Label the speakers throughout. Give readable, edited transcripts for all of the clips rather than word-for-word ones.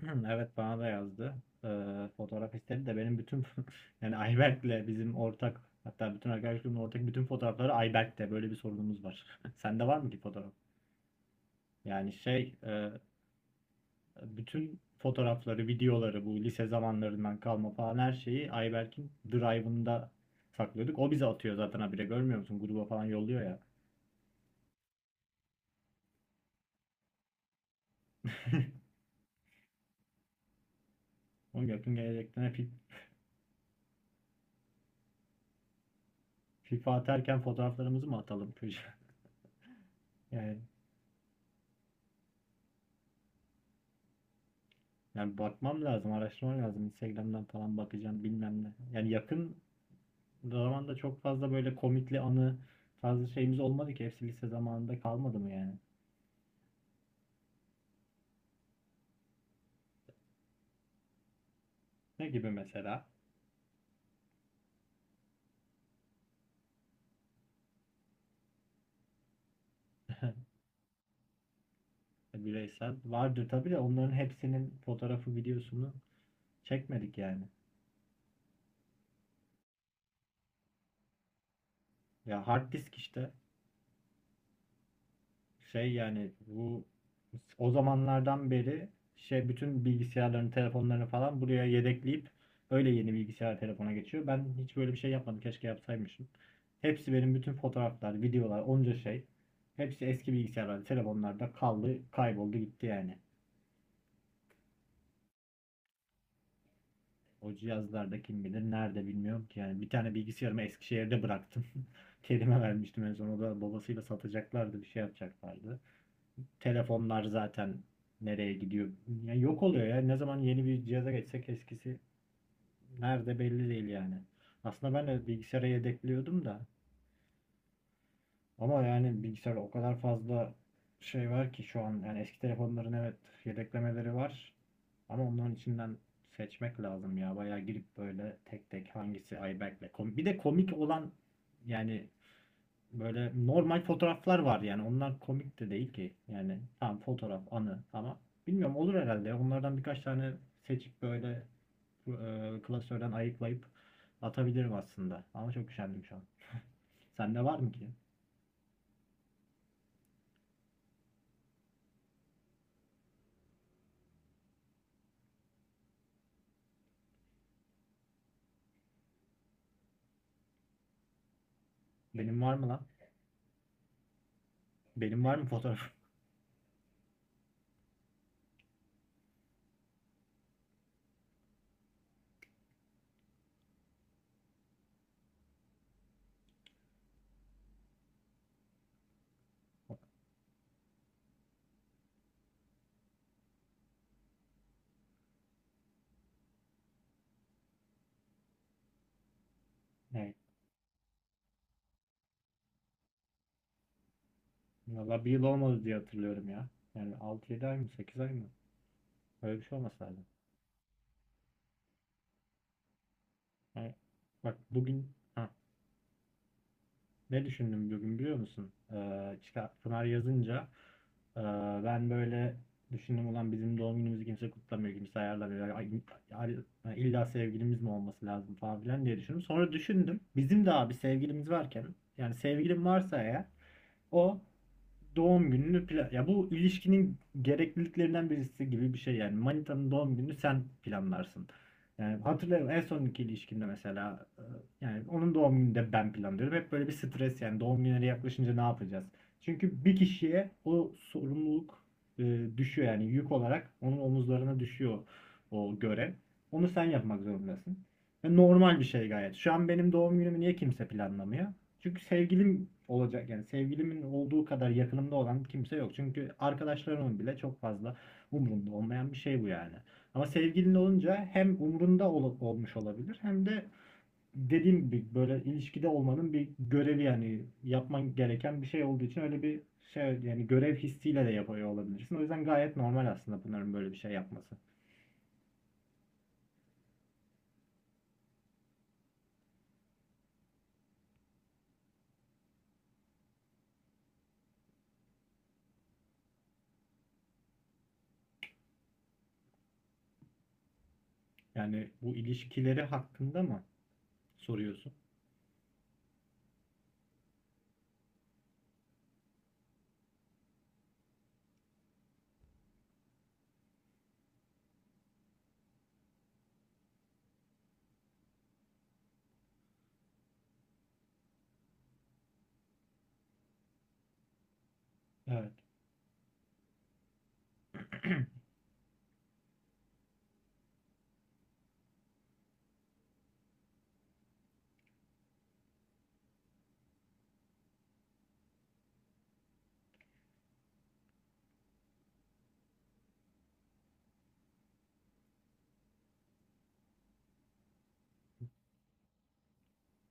Speaker 1: Hı, Evet, bana da yazdı. Fotoğraf istedi de benim bütün yani Ayberk'le bizim ortak, hatta bütün arkadaş grubunun ortak bütün fotoğrafları Ayberk'te. Böyle bir sorunumuz var. Sende var mı ki fotoğraf? Yani şey e, bütün fotoğrafları, videoları bu lise zamanlarından kalma falan her şeyi Ayberk'in Drive'ında saklıyorduk. O bize atıyor zaten, habire görmüyor musun? Gruba falan yolluyor ya. Onun yakın gelecekten hep FIFA atarken fotoğraflarımızı mı atalım? Yani Yani bakmam lazım, araştırmam lazım. Instagram'dan falan bakacağım, bilmem ne. Yani yakın zamanda çok fazla böyle komikli anı tarzı şeyimiz olmadı ki. Hepsi lise zamanında kalmadı mı yani? Ne gibi mesela? Bireysel. Vardır tabii de onların hepsinin fotoğrafı, videosunu çekmedik yani. Ya hard disk işte. Şey yani bu, o zamanlardan beri şey bütün bilgisayarların, telefonlarını falan buraya yedekleyip öyle yeni bilgisayar telefona geçiyor. Ben hiç böyle bir şey yapmadım. Keşke yapsaymışım. Hepsi benim, bütün fotoğraflar, videolar, onca şey. Hepsi eski bilgisayarlarda, telefonlarda kaldı, kayboldu gitti yani. O cihazlarda kim bilir nerede, bilmiyorum ki. Yani bir tane bilgisayarımı Eskişehir'de bıraktım. Kerime vermiştim en son. O da babasıyla satacaklardı, bir şey yapacaklardı. Telefonlar zaten nereye gidiyor? Yani yok oluyor ya. Ne zaman yeni bir cihaza geçsek eskisi nerede belli değil yani. Aslında ben de bilgisayara yedekliyordum da ama yani bilgisayarda o kadar fazla şey var ki şu an. Yani eski telefonların, evet, yedeklemeleri var ama onların içinden seçmek lazım ya. Bayağı girip böyle tek tek hangisi iBack'le komik. Bir de komik olan, yani böyle normal fotoğraflar var, yani onlar komik de değil ki. Yani tam fotoğraf anı ama bilmiyorum, olur herhalde ya. Onlardan birkaç tane seçip böyle klasörden ayıklayıp atabilirim aslında. Ama çok üşendim şu an. Sende var mı ki? Benim var mı lan? Benim var mı fotoğraf? Ne? Valla bir yıl olmadı diye hatırlıyorum ya. Yani 6 yedi ay mı, 8 ay mı? Öyle bir şey olması lazım. Yani bak bugün, ha, ne düşündüm bugün biliyor musun? Çıkar, Pınar yazınca, ee, ben böyle düşündüm: ulan bizim doğum günümüzü kimse kutlamıyor, kimse ayarlamıyor. Ay- illa sevgilimiz mi olması lazım falan filan diye düşündüm. Sonra düşündüm, bizim de abi sevgilimiz varken, yani sevgilim varsa eğer, o doğum gününü plan... Ya bu ilişkinin gerekliliklerinden birisi gibi bir şey yani. Manitanın doğum gününü sen planlarsın. Yani hatırlıyorum en sonki ilişkimde mesela, yani onun doğum gününü de ben planlıyorum. Hep böyle bir stres yani, doğum günleri yaklaşınca ne yapacağız? Çünkü bir kişiye o sorumluluk düşüyor, yani yük olarak onun omuzlarına düşüyor o görev. Onu sen yapmak zorundasın. Ve normal bir şey gayet. Şu an benim doğum günümü niye kimse planlamıyor? Çünkü sevgilim olacak, yani sevgilimin olduğu kadar yakınımda olan kimse yok. Çünkü arkadaşlarımın bile çok fazla umurunda olmayan bir şey bu yani. Ama sevgilin olunca hem umurunda olmuş olabilir, hem de dediğim gibi böyle ilişkide olmanın bir görevi, yani yapman gereken bir şey olduğu için, öyle bir şey yani, görev hissiyle de yapıyor olabilirsin. O yüzden gayet normal aslında Pınar'ın böyle bir şey yapması. Yani bu ilişkileri hakkında mı soruyorsun? Evet.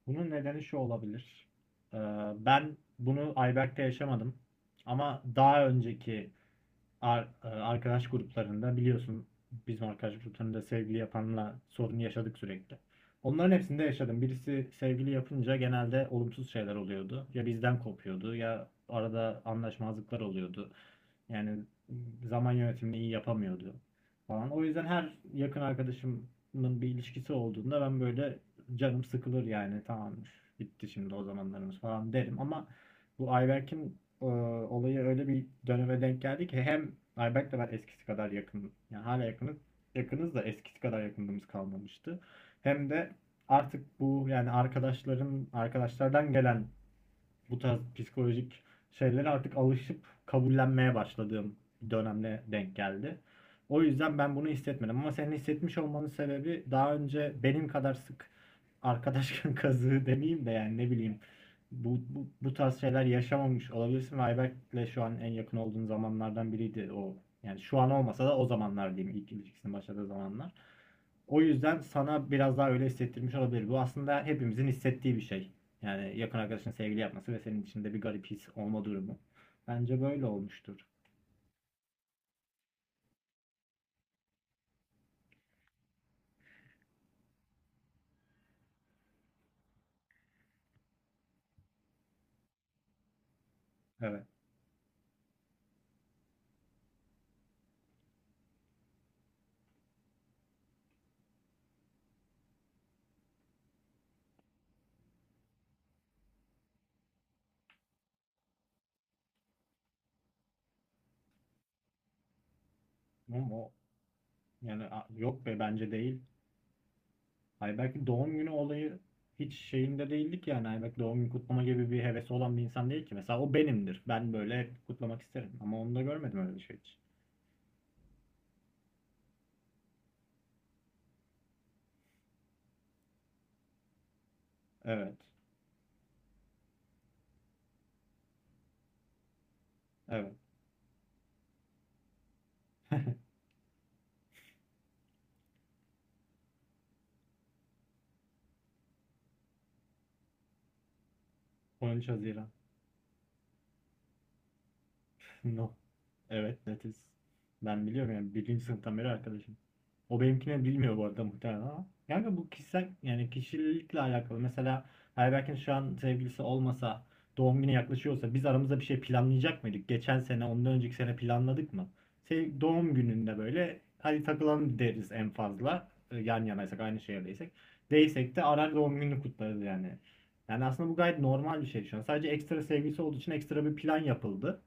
Speaker 1: Bunun nedeni şu olabilir. Ee, Ben bunu Ayberk'te yaşamadım. Ama daha önceki arkadaş gruplarında biliyorsun, bizim arkadaş gruplarında sevgili yapanla sorun yaşadık sürekli. Onların hepsinde yaşadım. Birisi sevgili yapınca genelde olumsuz şeyler oluyordu. Ya bizden kopuyordu, ya arada anlaşmazlıklar oluyordu. Yani zaman yönetimini iyi yapamıyordu falan. O yüzden her yakın arkadaşımın bir ilişkisi olduğunda ben böyle canım sıkılır, yani tamam bitti şimdi o zamanlarımız falan derim, ama bu Ayberk'in olayı öyle bir döneme denk geldi ki, hem Ayberk'le ben eskisi kadar yakın, yani hala yakınız, yakınız da eskisi kadar yakınlığımız kalmamıştı. Hem de artık bu yani arkadaşların, arkadaşlardan gelen bu tarz psikolojik şeylere artık alışıp kabullenmeye başladığım bir dönemle denk geldi. O yüzden ben bunu hissetmedim, ama senin hissetmiş olmanın sebebi, daha önce benim kadar sık arkadaş kazığı demeyeyim de, yani ne bileyim, bu tarz şeyler yaşamamış olabilirsin, ve Ayberk'le şu an en yakın olduğun zamanlardan biriydi o. Yani şu an olmasa da o zamanlar diyeyim, ilk ilişkisinin başladığı zamanlar. O yüzden sana biraz daha öyle hissettirmiş olabilir. Bu aslında hepimizin hissettiği bir şey. Yani yakın arkadaşın sevgili yapması ve senin içinde bir garip his olma durumu. Bence böyle olmuştur. Evet. Ama o, yani yok be, bence değil. Ay belki doğum günü olayı hiç şeyinde değildik yani. Ay belki doğum günü kutlama gibi bir hevesi olan bir insan değil ki. Mesela o benimdir. Ben böyle hep kutlamak isterim. Ama onu da görmedim öyle bir şey hiç. Evet. Evet. 13 Haziran. No. Evet, netiz. Ben biliyorum, yani birinci sınıftan beri arkadaşım. O benimkini bilmiyor bu arada muhtemelen ama. Yani bu kişisel, yani kişilikle alakalı. Mesela Ayberk'in şu an sevgilisi olmasa, doğum günü yaklaşıyorsa biz aramızda bir şey planlayacak mıydık? Geçen sene, ondan önceki sene planladık mı? Sev doğum gününde böyle hadi takılalım deriz en fazla. Yan yanaysak, aynı şehirdeysek. Değilsek de arar doğum gününü kutlarız yani. Yani aslında bu gayet normal bir şey şu an. Sadece ekstra sevgilisi olduğu için ekstra bir plan yapıldı.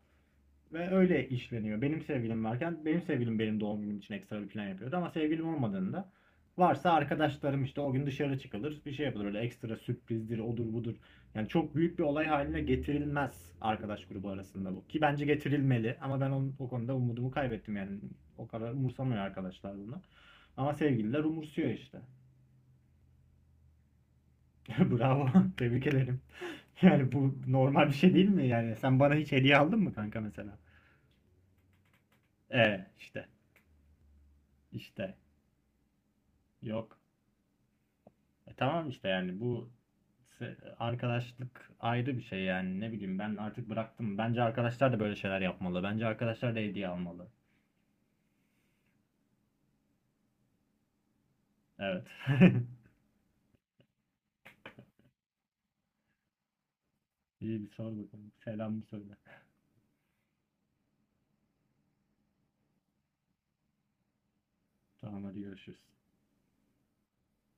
Speaker 1: Ve öyle işleniyor. Benim sevgilim varken benim sevgilim benim doğum günüm için ekstra bir plan yapıyordu, ama sevgilim olmadığında, varsa arkadaşlarım işte, o gün dışarı çıkılır, bir şey yapılır, öyle ekstra sürprizdir, odur budur. Yani çok büyük bir olay haline getirilmez arkadaş grubu arasında bu. Ki bence getirilmeli, ama ben onun, o konuda umudumu kaybettim yani, o kadar umursamıyor arkadaşlar bunu. Ama sevgililer umursuyor işte. Bravo, tebrik ederim. Yani bu normal bir şey değil mi, yani sen bana hiç hediye aldın mı kanka mesela? E işte Yok. E tamam işte, yani bu arkadaşlık ayrı bir şey, yani ne bileyim, ben artık bıraktım. Bence arkadaşlar da böyle şeyler yapmalı. Bence arkadaşlar da hediye almalı. Evet. İyi, bir sor bakalım. Selam mı söyle. Tamam, hadi görüşürüz.